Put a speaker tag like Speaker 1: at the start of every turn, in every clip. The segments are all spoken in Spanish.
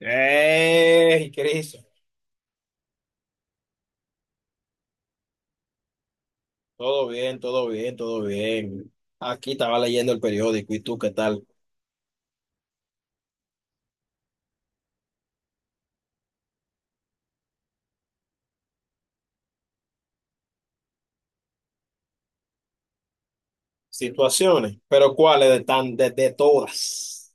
Speaker 1: ¡Ey, Cris! Todo bien, todo bien, todo bien. Aquí estaba leyendo el periódico, ¿y tú qué tal? Situaciones, pero ¿cuáles de todas?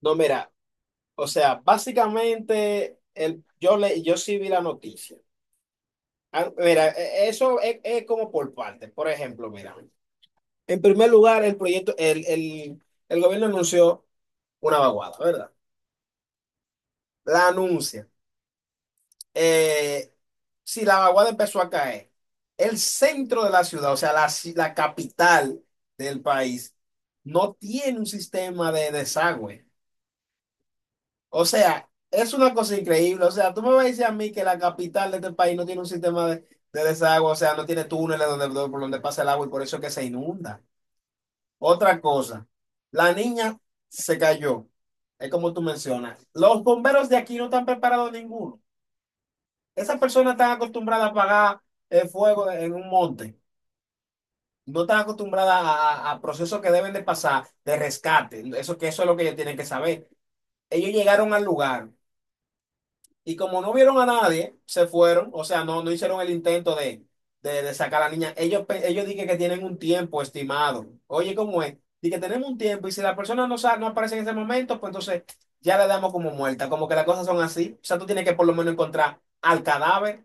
Speaker 1: No, mira, o sea, básicamente yo sí vi la noticia. Ah, mira, eso es como por partes. Por ejemplo, mira, en primer lugar, el proyecto, el gobierno anunció una vaguada, ¿verdad? La anuncia. eh, si la vaguada empezó a caer, el centro de la ciudad, o sea, la capital del país no tiene un sistema de desagüe. O sea, es una cosa increíble. O sea, tú me vas a decir a mí que la capital de este país no tiene un sistema de desagüe, o sea, no tiene túneles por donde pasa el agua y por eso es que se inunda. Otra cosa, la niña se cayó. Es como tú mencionas. Los bomberos de aquí no están preparados ninguno. Esas personas están acostumbradas a apagar el fuego en un monte. No están acostumbradas a procesos que deben de pasar de rescate. Eso que eso es lo que ellos tienen que saber. Ellos llegaron al lugar y como no vieron a nadie, se fueron. O sea, no, no hicieron el intento de sacar a la niña. Ellos dicen que tienen un tiempo estimado. Oye, ¿cómo es? Dicen que tenemos un tiempo y si la persona no aparece en ese momento, pues entonces ya la damos como muerta. Como que las cosas son así. O sea, tú tienes que por lo menos encontrar al cadáver.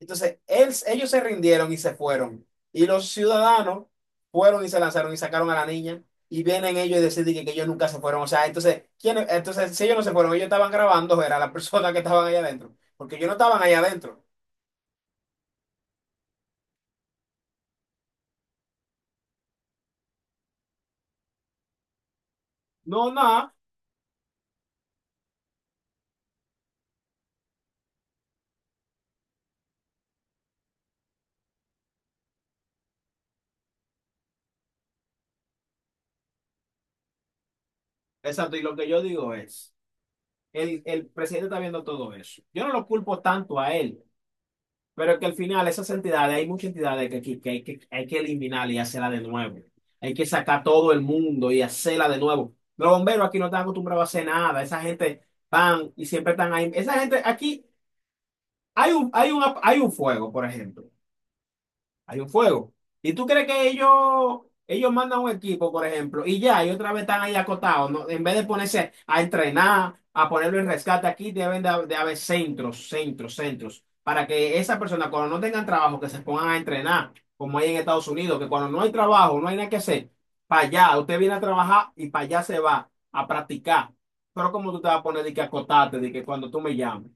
Speaker 1: Entonces, ellos se rindieron y se fueron. Y los ciudadanos fueron y se lanzaron y sacaron a la niña. Y vienen ellos y deciden que ellos nunca se fueron. O sea, entonces, ¿quién? Entonces, si ellos no se fueron, ellos estaban grabando, era la persona que estaban allá adentro, porque ellos no estaban allá adentro. No, nada. Exacto. Y lo que yo digo es, el presidente está viendo todo eso. Yo no lo culpo tanto a él. Pero que al final esas entidades, hay muchas entidades que hay hay que eliminar y hacerla de nuevo. Hay que sacar todo el mundo y hacerla de nuevo. Los bomberos aquí no están acostumbrados a hacer nada. Esa gente van y siempre están ahí. Esa gente aquí, hay un fuego, por ejemplo. Hay un fuego. ¿Y tú crees que ellos mandan un equipo, por ejemplo, y ya, y otra vez están ahí acotados, ¿no? En vez de ponerse a entrenar, a ponerlo en rescate aquí, deben de haber centros, para que esas personas, cuando no tengan trabajo, que se pongan a entrenar, como hay en Estados Unidos, que cuando no hay trabajo, no hay nada que hacer, para allá, usted viene a trabajar y para allá se va a practicar. Pero como tú te vas a poner de que acotarte, de que cuando tú me llames,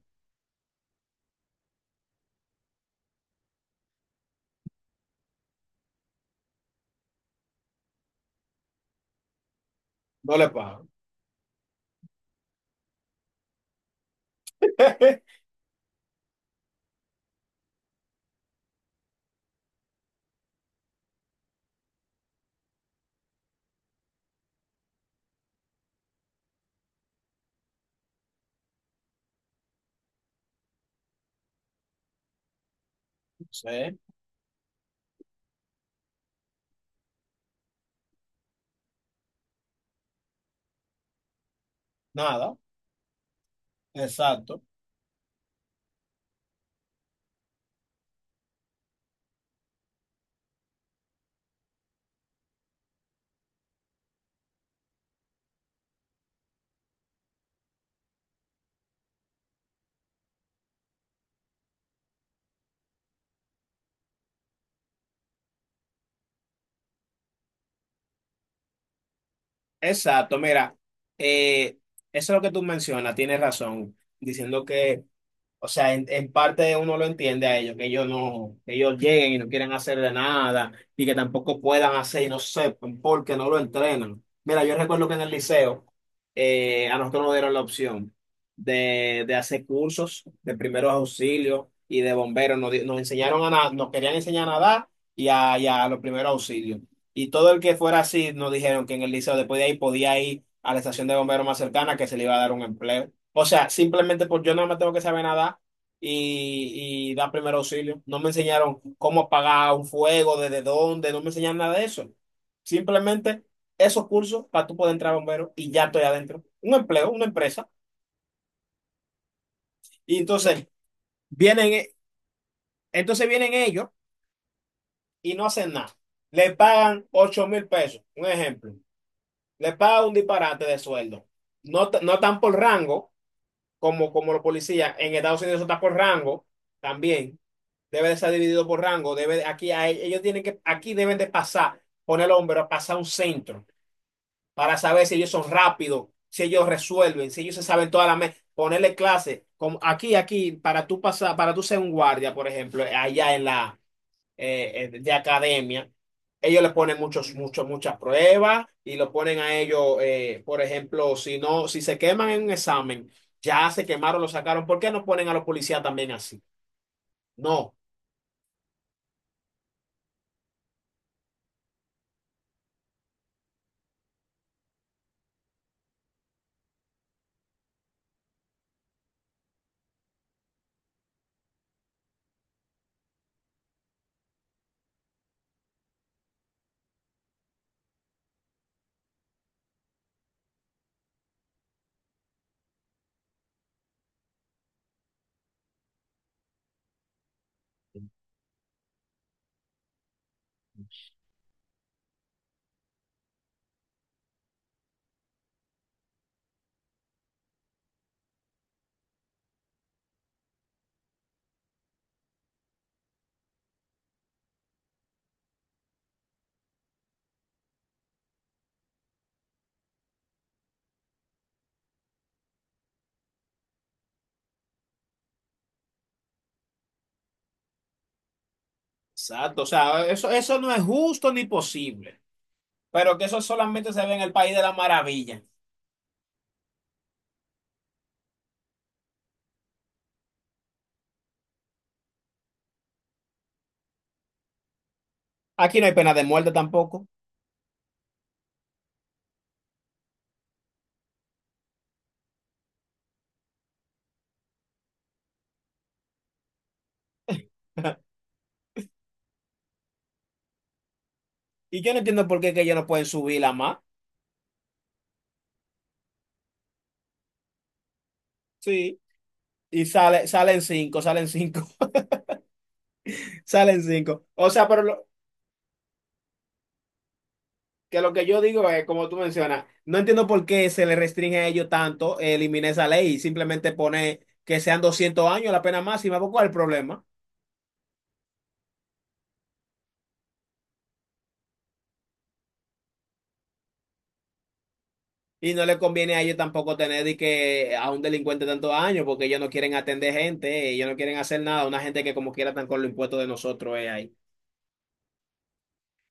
Speaker 1: no le pago. No sé, nada, exacto. Exacto, mira, eh, eso es lo que tú mencionas, tienes razón, diciendo que o sea, en parte uno lo entiende a ellos, que ellos no, que ellos lleguen y no quieren hacerle nada, y que tampoco puedan hacer y no sepan porque no lo entrenan. Mira, yo recuerdo que en el liceo a nosotros nos dieron la opción de hacer cursos de primeros auxilios y de bomberos. Nos enseñaron a nadar, nos querían enseñar a nadar y a los primeros auxilios. Y todo el que fuera así nos dijeron que en el liceo después de ahí podía ir a la estación de bomberos más cercana que se le iba a dar un empleo. O sea, simplemente por yo no me tengo que saber nadar y dar primer auxilio. No me enseñaron cómo apagar un fuego, desde dónde, no me enseñaron nada de eso. Simplemente esos cursos para tú poder entrar bombero y ya estoy adentro. Un empleo, una empresa. Y entonces vienen, e- entonces vienen ellos y no hacen nada. Le pagan 8000 pesos, un ejemplo. Le pagan un disparate de sueldo. No, no tan por rango como los policías. En Estados Unidos eso está por rango también. Debe de ser dividido por rango. Aquí, ellos tienen que, aquí deben de pasar, poner el hombro, pasar un centro para saber si ellos son rápidos, si ellos resuelven, si ellos se saben toda la mesa. Ponerle clase. Como aquí, aquí, para tú pasar, para tú ser un guardia, por ejemplo, allá en la de academia, ellos le ponen muchas pruebas y lo ponen a ellos, por ejemplo, si no, si se queman en un examen, ya se quemaron, lo sacaron. ¿Por qué no ponen a los policías también así? No. Exacto, o sea, eso no es justo ni posible, pero que eso solamente se ve en el país de la maravilla. Aquí no hay pena de muerte tampoco. Y yo no entiendo por qué que ellos no pueden subirla más. Sí. Y sale, salen cinco, salen cinco. O sea, pero lo que yo digo es, como tú mencionas, no entiendo por qué se le restringe a ellos tanto eliminar esa ley y simplemente poner que sean 200 años la pena máxima. ¿Cuál es el problema? Y no le conviene a ellos tampoco tener de que a un delincuente tantos años, porque ellos no quieren atender gente, ellos no quieren hacer nada, una gente que como quiera están con los impuestos de nosotros ahí.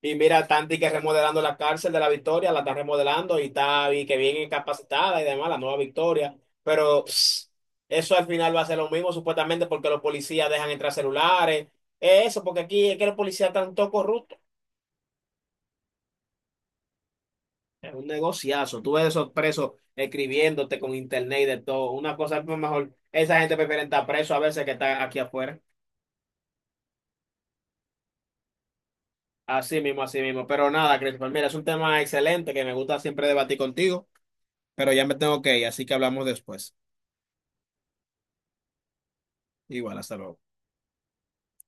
Speaker 1: Y mira, Tanti que remodelando la cárcel de la Victoria, la está remodelando y está y que bien capacitada y demás, la nueva Victoria. Pero pss, eso al final va a ser lo mismo, supuestamente, porque los policías dejan entrar celulares. Eso, porque aquí es que los policías están todos corruptos. Es un negociazo. Tú ves esos presos escribiéndote con internet y de todo. Una cosa pues, mejor. Esa gente prefiere estar preso a veces que estar aquí afuera. Así mismo, así mismo. Pero nada, Christopher, mira, es un tema excelente que me gusta siempre debatir contigo, pero ya me tengo que ir, así que hablamos después. Igual, hasta luego.